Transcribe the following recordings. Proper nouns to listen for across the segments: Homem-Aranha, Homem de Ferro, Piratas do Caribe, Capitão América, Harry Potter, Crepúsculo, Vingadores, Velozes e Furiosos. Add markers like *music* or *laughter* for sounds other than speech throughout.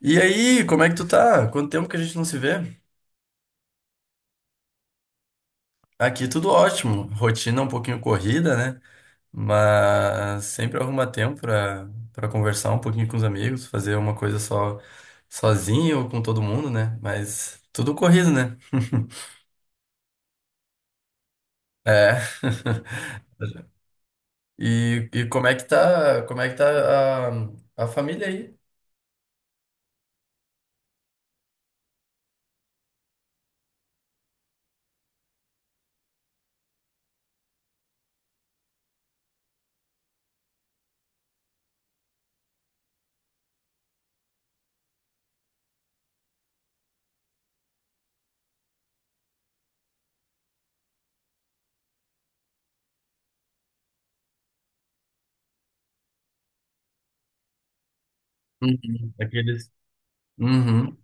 E aí, como é que tu tá? Quanto tempo que a gente não se vê? Aqui tudo ótimo. Rotina um pouquinho corrida, né? Mas sempre arruma tempo pra conversar um pouquinho com os amigos, fazer uma coisa só sozinho ou com todo mundo, né? Mas tudo corrido, né? *laughs* É. E como é que tá, a família aí? Uhum. Aqueles. Uhum.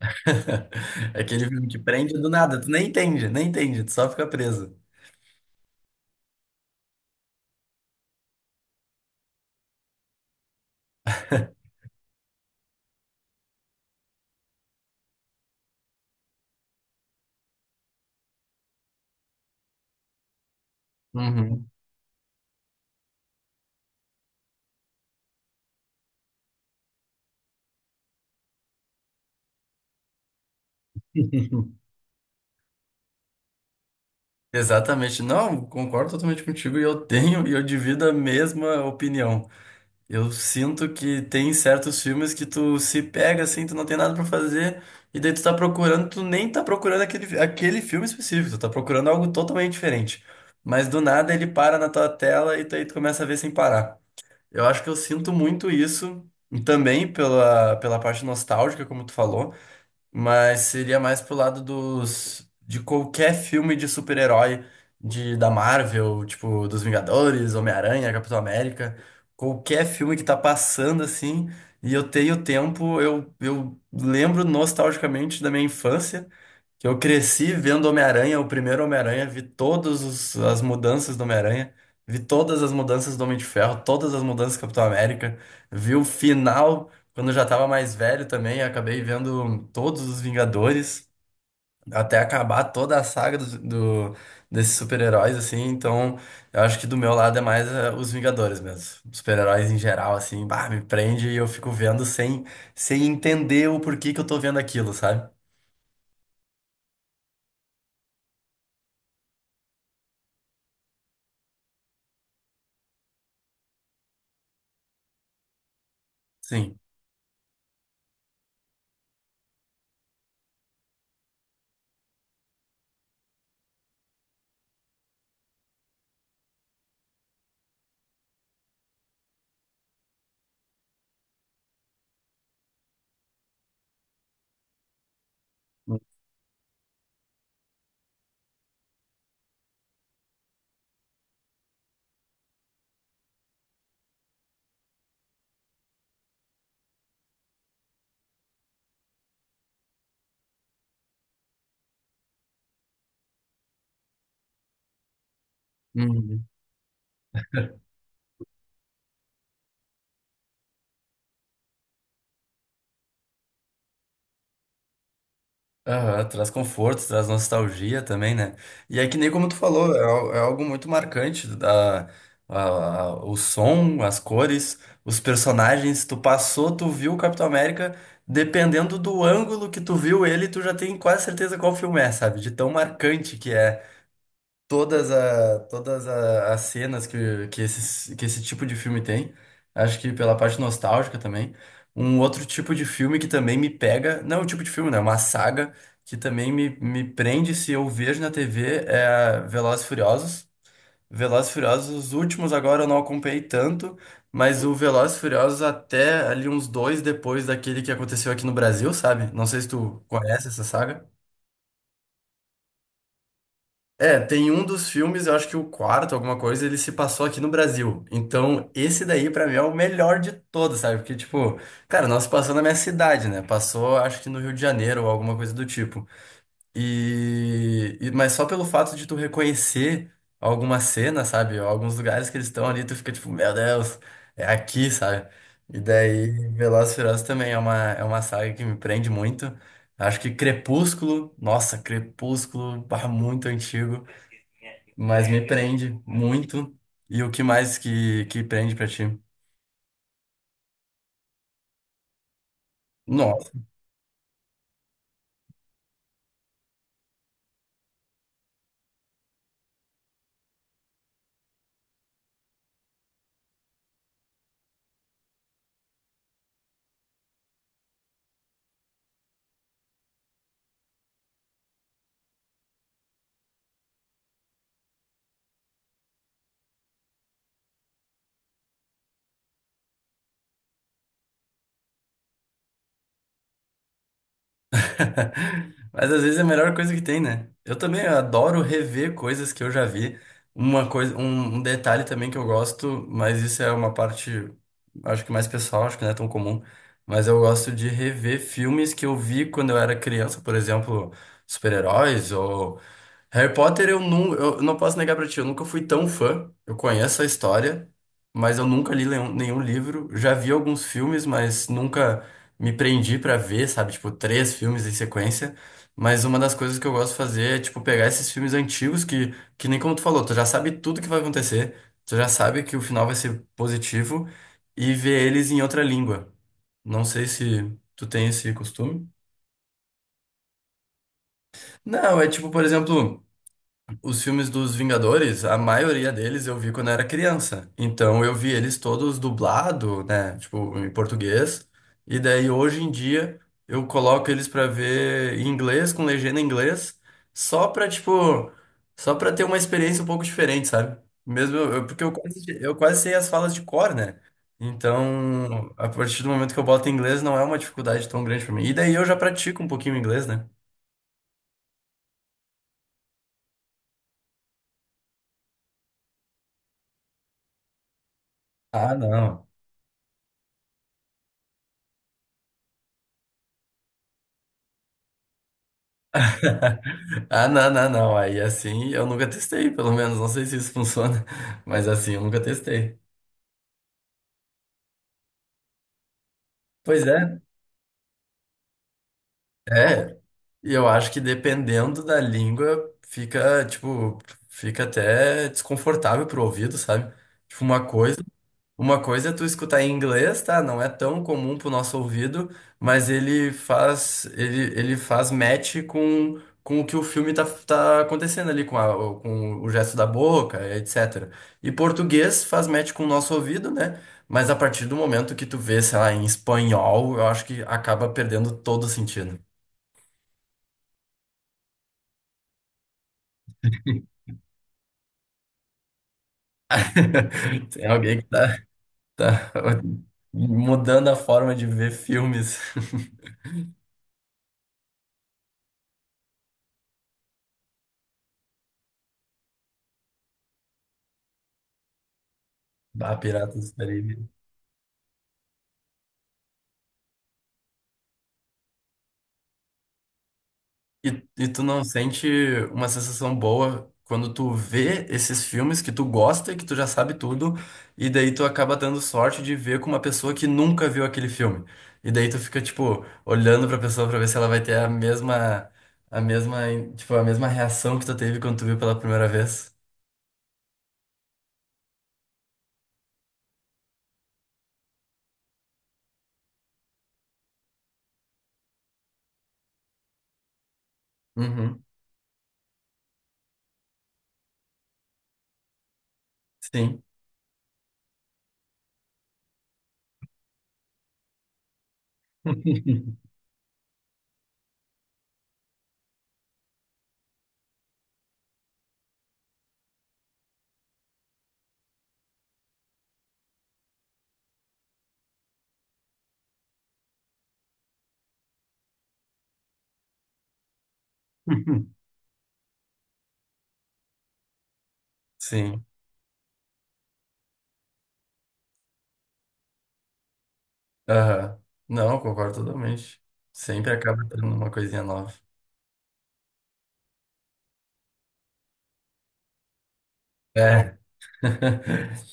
*laughs* Aquele filme que prende do nada, tu nem entende, tu só fica preso. Uhum. Exatamente. Não, concordo totalmente contigo e eu tenho e eu divido a mesma opinião. Eu sinto que tem certos filmes que tu se pega assim, tu não tem nada pra fazer e daí tu tá procurando, tu nem tá procurando aquele filme específico, tu tá procurando algo totalmente diferente. Mas do nada ele para na tua tela e tu, aí tu começa a ver sem parar. Eu acho que eu sinto muito isso e também pela parte nostálgica, como tu falou, mas seria mais pro lado dos de qualquer filme de super-herói de da Marvel, tipo dos Vingadores, Homem-Aranha, Capitão América, qualquer filme que tá passando assim, e eu tenho tempo, eu lembro nostalgicamente da minha infância. Que eu cresci vendo Homem-Aranha, o primeiro Homem-Aranha, vi todas as mudanças do Homem-Aranha, vi todas as mudanças do Homem de Ferro, todas as mudanças do Capitão América, vi o final quando eu já tava mais velho também, acabei vendo todos os Vingadores, até acabar toda a saga do, desses super-heróis, assim, então eu acho que do meu lado é mais os Vingadores mesmo. Os super-heróis em geral, assim, bah, me prende e eu fico vendo sem, sem entender o porquê que eu tô vendo aquilo, sabe? Sim. Uhum. Aham, traz conforto, traz nostalgia também, né? E é que nem como tu falou, é, é algo muito marcante, da, o som, as cores, os personagens, tu passou, tu viu o Capitão América, dependendo do ângulo que tu viu ele, tu já tem quase certeza qual filme é, sabe? De tão marcante que é todas, a, todas a, as cenas que, esses, que esse tipo de filme tem. Acho que pela parte nostálgica também. Um outro tipo de filme que também me pega, não é um tipo de filme, né? É uma saga que também me prende se eu vejo na TV é Velozes e Furiosos. Velozes e Furiosos, os últimos agora eu não acompanhei tanto, mas o Velozes e Furiosos até ali uns dois depois daquele que aconteceu aqui no Brasil, sabe? Não sei se tu conhece essa saga. É, tem um dos filmes, eu acho que o quarto, alguma coisa, ele se passou aqui no Brasil. Então, esse daí, pra mim, é o melhor de todos, sabe? Porque, tipo, cara, não se passou na minha cidade, né? Passou, acho que no Rio de Janeiro ou alguma coisa do tipo. E, mas só pelo fato de tu reconhecer alguma cena, sabe? Alguns lugares que eles estão ali, tu fica tipo, meu Deus, é aqui, sabe? E daí, Velozes e Furiosos também é uma saga que me prende muito. Acho que Crepúsculo, nossa, Crepúsculo, bah, muito antigo, mas me prende muito. E o que mais que prende pra ti? Nossa. *laughs* Mas às vezes é a melhor coisa que tem, né? Eu também adoro rever coisas que eu já vi. Uma coisa, um detalhe também que eu gosto, mas isso é uma parte, acho que mais pessoal, acho que não é tão comum. Mas eu gosto de rever filmes que eu vi quando eu era criança, por exemplo, super-heróis ou Harry Potter, eu não posso negar pra ti, eu nunca fui tão fã. Eu conheço a história, mas eu nunca li nenhum livro. Já vi alguns filmes, mas nunca me prendi pra ver, sabe? Tipo, três filmes em sequência. Mas uma das coisas que eu gosto de fazer é, tipo, pegar esses filmes antigos que nem como tu falou, tu já sabe tudo que vai acontecer, tu já sabe que o final vai ser positivo e ver eles em outra língua. Não sei se tu tem esse costume. Não, é tipo, por exemplo. Os filmes dos Vingadores, a maioria deles eu vi quando era criança. Então eu vi eles todos dublado, né? Tipo, em português. E daí hoje em dia eu coloco eles pra ver em inglês, com legenda em inglês, só pra, tipo, só pra ter uma experiência um pouco diferente, sabe? Mesmo porque eu quase sei as falas de cor, né? Então, a partir do momento que eu boto em inglês, não é uma dificuldade tão grande pra mim. E daí eu já pratico um pouquinho o inglês, né? Ah, não. Ah, não, não, não. Aí assim, eu nunca testei, pelo menos. Não sei se isso funciona, *laughs* mas assim, eu nunca testei. Pois é, é. E eu acho que dependendo da língua, fica, tipo, fica até desconfortável pro ouvido, sabe? Tipo, uma coisa. Uma coisa é tu escutar em inglês, tá? Não é tão comum pro nosso ouvido, mas ele faz match com o que o filme tá, tá acontecendo ali, com, com o gesto da boca, etc. E português faz match com o nosso ouvido, né? Mas a partir do momento que tu vê, sei lá, em espanhol, eu acho que acaba perdendo todo o sentido. *laughs* Tem alguém que tá, tá *laughs* mudando a forma de ver filmes. *laughs* Bah, Piratas do Caribe. E tu não sente uma sensação boa quando tu vê esses filmes que tu gosta e que tu já sabe tudo, e daí tu acaba dando sorte de ver com uma pessoa que nunca viu aquele filme. E daí tu fica, tipo, olhando pra pessoa pra ver se ela vai ter a mesma, tipo, a mesma reação que tu teve quando tu viu pela primeira vez. Uhum. Sim. *laughs* Sim. Aham. Não, concordo totalmente. Sempre acaba tendo uma coisinha nova. É. *laughs*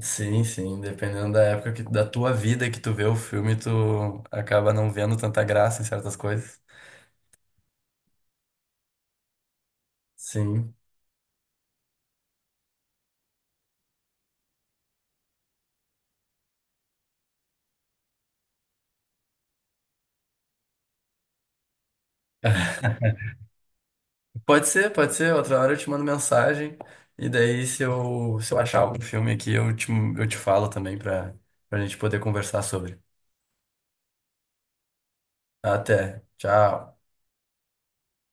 Sim, sim, dependendo da tua vida que tu vê o filme, tu acaba não vendo tanta graça em certas coisas. Sim. Pode ser, pode ser. Outra hora eu te mando mensagem. E daí, se eu achar algum filme aqui, eu te falo também pra, pra gente poder conversar sobre. Até. Tchau.